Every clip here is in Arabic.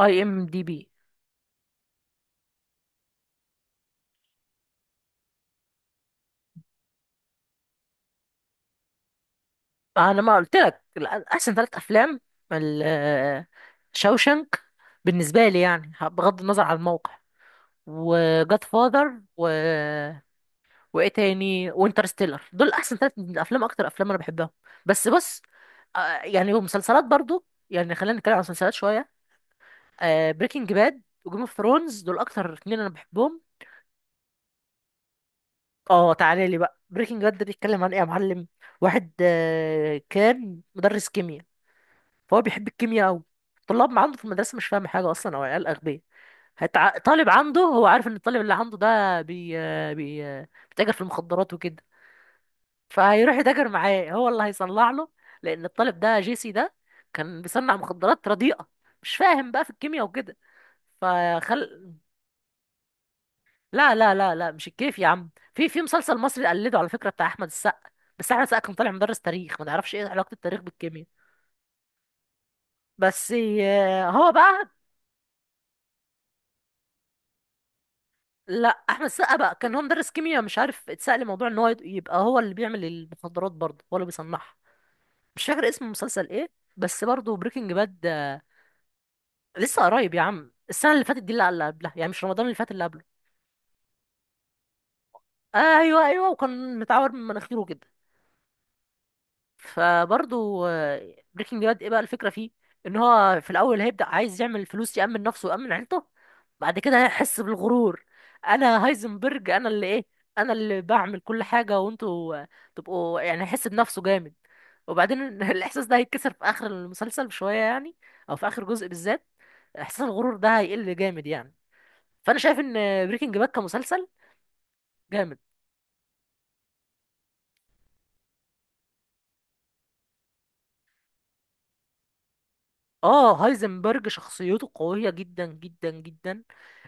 IMDB. انا ما قلت لك احسن ثلاث افلام. ال- شوشنك بالنسبه لي، يعني بغض النظر عن الموقع، وجاد فاذر و وايه تاني، وانترستيلر، دول احسن ثلاث افلام، اكتر افلام انا بحبهم. بس بص، يعني ومسلسلات برضو. يعني خلينا نتكلم عن المسلسلات شويه. بريكنج باد وجيم اوف ثرونز دول اكتر اتنين انا بحبهم. اه، تعالى لي بقى بريكنج باد ده بيتكلم عن ايه يا معلم؟ واحد كان مدرس كيمياء، فهو بيحب الكيمياء قوي. الطلاب ما عنده في المدرسه مش فاهم حاجه اصلا، او عيال اغبياء. طالب عنده، هو عارف ان الطالب اللي عنده ده بي... بيتاجر في المخدرات وكده، فهيروح يتاجر معاه. هو اللي هيصنع له، لان الطالب ده جيسي ده كان بيصنع مخدرات رديئه مش فاهم بقى في الكيمياء وكده. فخل لا لا لا لا مش الكيف يا عم، في مسلسل مصري قلده على فكره بتاع احمد السقا، بس احمد السقا كان طالع مدرس تاريخ، ما نعرفش ايه علاقه التاريخ بالكيمياء. بس هو بقى، لا احمد السقا بقى كان هو مدرس كيمياء مش عارف اتسأل موضوع ان هو يبقى هو اللي بيعمل المخدرات برضه، هو اللي بيصنعها. مش فاكر اسم المسلسل ايه، بس برضه بريكنج باد. لسه قريب يا عم، السنه اللي فاتت دي اللي قبلها يعني، مش رمضان اللي فات، اللي قبله. ايوه ايوه، وكان متعور من مناخيره كده. فبرضه بريكنج باد ايه بقى الفكره فيه؟ ان هو في الاول هيبدا عايز يعمل فلوس، يامن نفسه ويامن عيلته. بعد كده هيحس بالغرور. انا هايزنبرج، انا اللي ايه، انا اللي بعمل كل حاجه، وانتوا تبقوا يعني. هيحس بنفسه جامد، وبعدين الاحساس ده هيتكسر في اخر المسلسل بشويه يعني، او في اخر جزء بالذات. احساس الغرور ده هيقل جامد يعني. فانا شايف ان بريكنج باد كمسلسل جامد. اه، هايزنبرج شخصيته قوية جدا جدا جدا.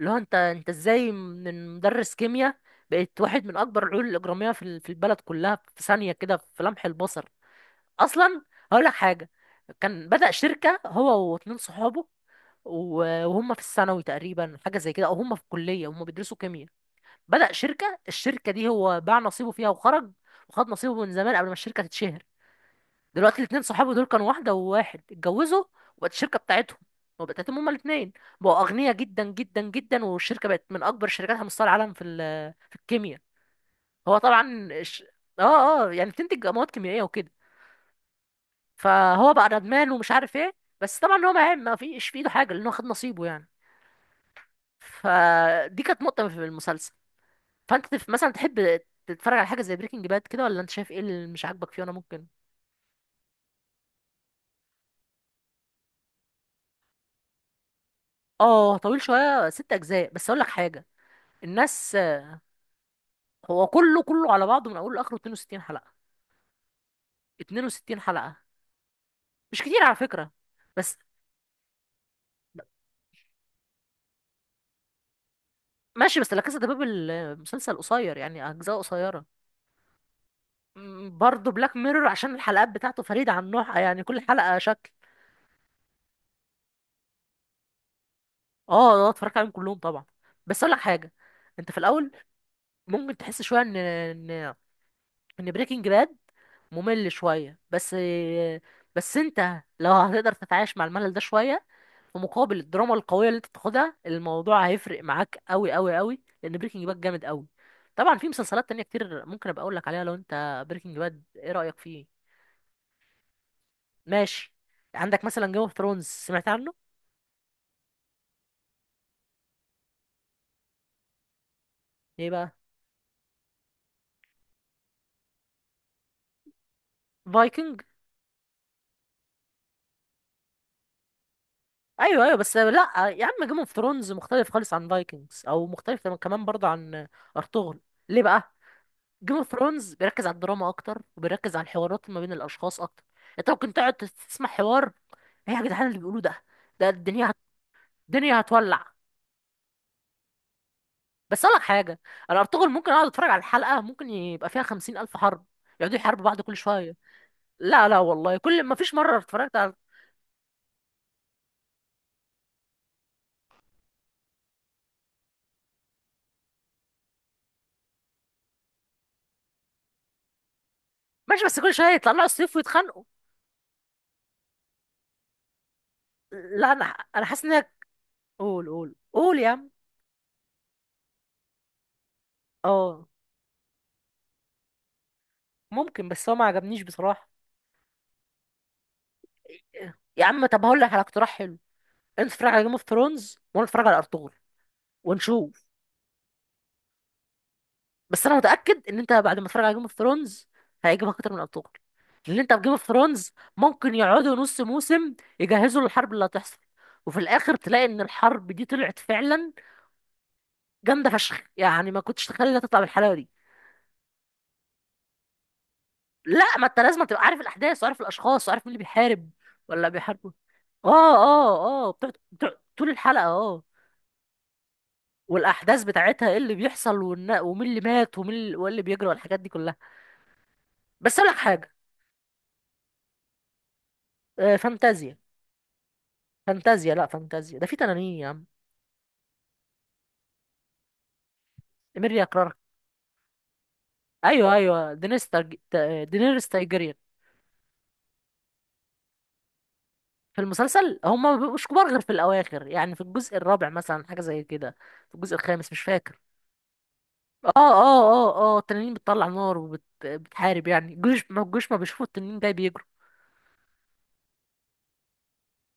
اللي هو انت ازاي من مدرس كيمياء بقيت واحد من اكبر العيون الاجرامية في البلد كلها في ثانية كده، في لمح البصر. اصلا هقول لك حاجة، كان بدأ شركة هو واتنين صحابه، و- وهم في الثانوي تقريبا، حاجة زي كده، او هم في الكلية، هم بيدرسوا كيمياء. بدأ شركة، الشركة دي هو باع نصيبه فيها وخرج، وخد نصيبه من زمان قبل ما الشركة تتشهر. دلوقتي الاتنين صحابي دول كانوا واحدة وواحد اتجوزوا، وبقت الشركة بتاعتهم، وبقت بتاعتهم هما الاتنين، بقوا أغنياء جدا جدا جدا، والشركة بقت من أكبر الشركات على مستوى العالم في ال- آه، في الكيمياء. هو طبعا الش... اه اه، يعني بتنتج مواد كيميائية وكده. فهو بقى ندمان ومش عارف ايه، بس طبعا هو ما فيش في ايده حاجة، لأنه خد نصيبه يعني. فدي كانت نقطة في المسلسل. فأنت مثلا تحب تتفرج على حاجة زي بريكنج باد كده، ولا أنت شايف ايه اللي مش عاجبك فيه وأنا ممكن. اه، طويل شوية، ست أجزاء، بس أقول لك حاجة. الناس، هو كله كله على بعضه من اوله لاخره 62 حلقه. 62 حلقه، مش كتير على فكره. بس ماشي، بس لا كاسا ده باب المسلسل قصير يعني، اجزاء قصيره. برضه بلاك ميرور عشان الحلقات بتاعته فريده عن نوعها يعني، كل حلقه شكل. اه اه، اتفرجت عليهم كلهم طبعا. بس اقول لك حاجه، انت في الاول ممكن تحس شويه ان بريكنج باد ممل شويه. بس، بس انت لو هتقدر تتعايش مع الملل ده شويه، في مقابل الدراما القويه اللي انت بتاخدها، الموضوع هيفرق معاك قوي قوي قوي، لان بريكنج باد جامد قوي. طبعا في مسلسلات تانية كتير ممكن ابقى اقول لك عليها، لو انت بريكنج باد ايه رايك فيه. ماشي. عندك مثلا جيم اوف ثرونز، سمعت عنه؟ ايه بقى فايكنج؟ ايوه ايوه، بس لا يا عم جيم اوف ثرونز مختلف خالص عن فايكنجز، او مختلف كمان برضه عن ارطغرل. ليه بقى؟ جيم اوف ثرونز بيركز على الدراما اكتر، وبيركز على الحوارات ما بين الاشخاص اكتر. انت ممكن تقعد تسمع حوار، ايه يا جدعان اللي بيقولوه ده؟ ده الدنيا الدنيا هتولع. بس اقول لك حاجه، انا ارطغرل ممكن اقعد اتفرج على الحلقه، ممكن يبقى فيها 50 ألف حرب، يقعدوا يحاربوا بعض كل شويه. لا لا، والله كل ما فيش مره اتفرجت على. ماشي، بس كل شويه يطلع لها السيف ويتخانقوا. لا انا، انا حاسس ان قول قول قول يا عم. اه، ممكن بس هو ما عجبنيش بصراحه. إيه؟ يا عم طب هقول لك على اقتراح حلو، انت اتفرج على جيم اوف ثرونز وانا اتفرج على ارطغرل، ونشوف. بس انا متاكد ان انت بعد ما تتفرج على جيم اوف ثرونز هيعجبك اكتر من ارطغرل، لان انت في جيم اوف ثرونز ممكن يقعدوا نص موسم يجهزوا للحرب اللي هتحصل، وفي الاخر تلاقي ان الحرب دي طلعت فعلا جامده فشخ يعني، ما كنتش تتخيل انها تطلع بالحلاوه دي. لا، ما انت لازم تبقى عارف الاحداث وعارف الاشخاص وعارف مين اللي بيحارب ولا بيحاربه. اه اه اه، بتقعد بتقعد طول الحلقه اه. والاحداث بتاعتها ايه اللي بيحصل، ومين اللي مات ومين اللي, واللي بيجري والحاجات دي كلها. بس اقول لك حاجه، فانتازيا. فانتازيا، لا فانتازيا ده في تنانين يا عم. إيميليا كلارك. ايوه ايوه، دينيريس تايجيريان. في المسلسل هم ما بيبقوش كبار غير في الاواخر يعني، في الجزء الرابع مثلا حاجه زي كده، في الجزء الخامس مش فاكر. اه اه. اه اه، التنانين بتطلع نار وبتحارب يعني الجيوش، ما الجيوش ما بيشوفوا التنين جاي بيجروا.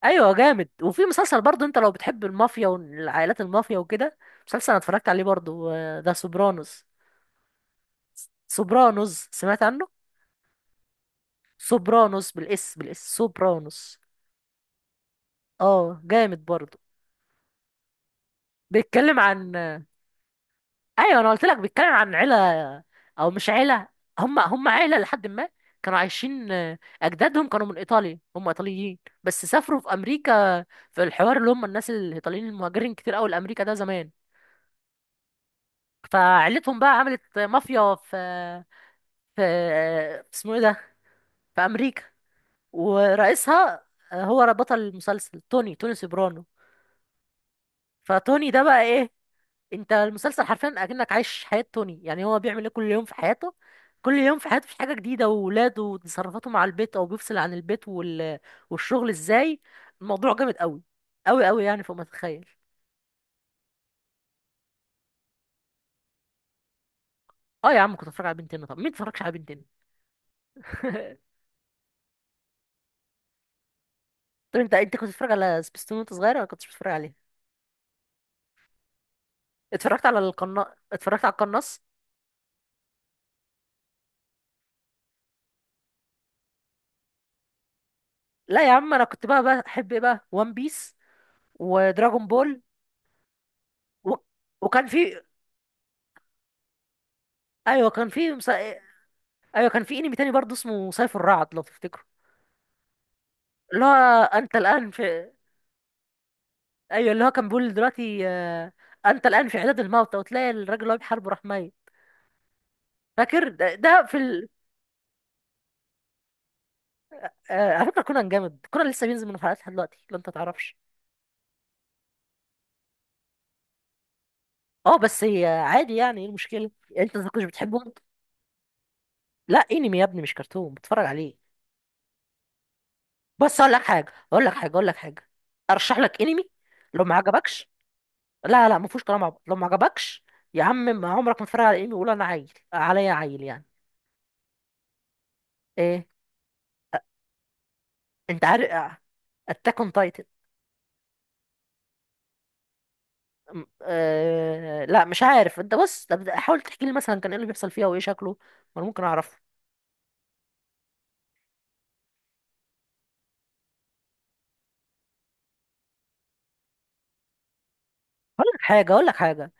ايوه جامد. وفي مسلسل برضه، انت لو بتحب المافيا والعائلات المافيا وكده، مسلسل انا اتفرجت عليه برضه، ده سوبرانوس. سوبرانوس، سمعت عنه؟ سوبرانوس بالاس سوبرانوس. اه جامد برضه. بيتكلم عن، ايوه انا قلت لك بيتكلم عن عيله، او مش عيله، هم عيله لحد ما كانوا عايشين. اجدادهم كانوا من ايطاليا، هم ايطاليين بس سافروا في امريكا، في الحوار اللي هم الناس الايطاليين المهاجرين كتير قوي لامريكا ده زمان. فعيلتهم بقى عملت مافيا في في اسمه ايه ده، في امريكا. ورئيسها هو بطل المسلسل، توني سوبرانو. فتوني ده بقى ايه، انت المسلسل حرفيا اكنك عايش حياة توني يعني، هو بيعمل ايه كل يوم في حياته. كل يوم في حياته في حاجة جديدة، وولاده وتصرفاته مع البيت، او بيفصل عن البيت والشغل ازاي. الموضوع جامد قوي قوي قوي يعني، فوق ما تتخيل. اه يا عم، كنت اتفرج على بنتين، طب مين اتفرجش على بنتين؟ طب انت كنت بتتفرج على سبيستون وانت صغير، ولا كنتش بتتفرج عليه؟ اتفرجت على القناص. لا يا عم، انا كنت بقى بحب ايه بقى، وان بيس ودراجون بول. و... وكان في، ايوه كان في، ايوه كان في انمي تاني برضه اسمه سيف الرعد لو تفتكروا. اللي هو انت الان في، ايوه اللي هو كان بيقول دلوقتي انت الان في عداد الموتى، وتلاقي الراجل اللي هو بيحاربه راح ميت. فاكر ده، آه، على فكره كونان جامد، كونان لسه بينزل من حلقات لحد دلوقتي لو انت تعرفش. اه بس هي عادي يعني، ايه المشكله انت ما كنتش بتحبه انت؟ لا انمي يا ابني مش كرتون بتفرج عليه. بس اقول لك حاجه اقول لك حاجه اقول لك حاجه، ارشح لك انمي لو ما عجبكش. لا لا، ما فيهوش كلام عبيط لو ما عجبكش. يا عم ما عمرك ما تتفرج على انمي وقول انا عيل، عليا عيل يعني؟ ايه، انت عارف، اتاك اون تايتن. لا مش عارف، انت بص طب حاول تحكي لي مثلا كان ايه اللي بيحصل فيها وايه شكله، وانا ممكن اعرفه. هقول لك حاجه هقول لك حاجه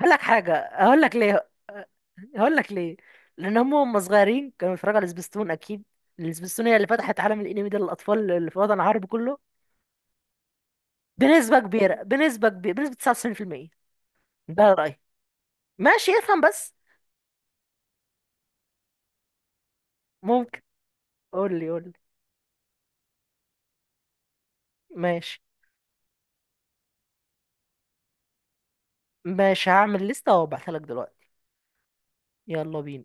هقول لك حاجه، هقول لك ليه هقول لك ليه، لان هم صغيرين كانوا بيتفرجوا على سبيستون اكيد. السبيستون هي اللي فتحت عالم الانمي ده للاطفال اللي في الوطن العربي كله. بنسبه كبيره، بنسبه كبيره، بنسبه 99%. ده رايي. ماشي افهم بس. ممكن، قول لي قول لي، ماشي. ماشي، هعمل لستة وابعتها لك دلوقتي. يلا بينا.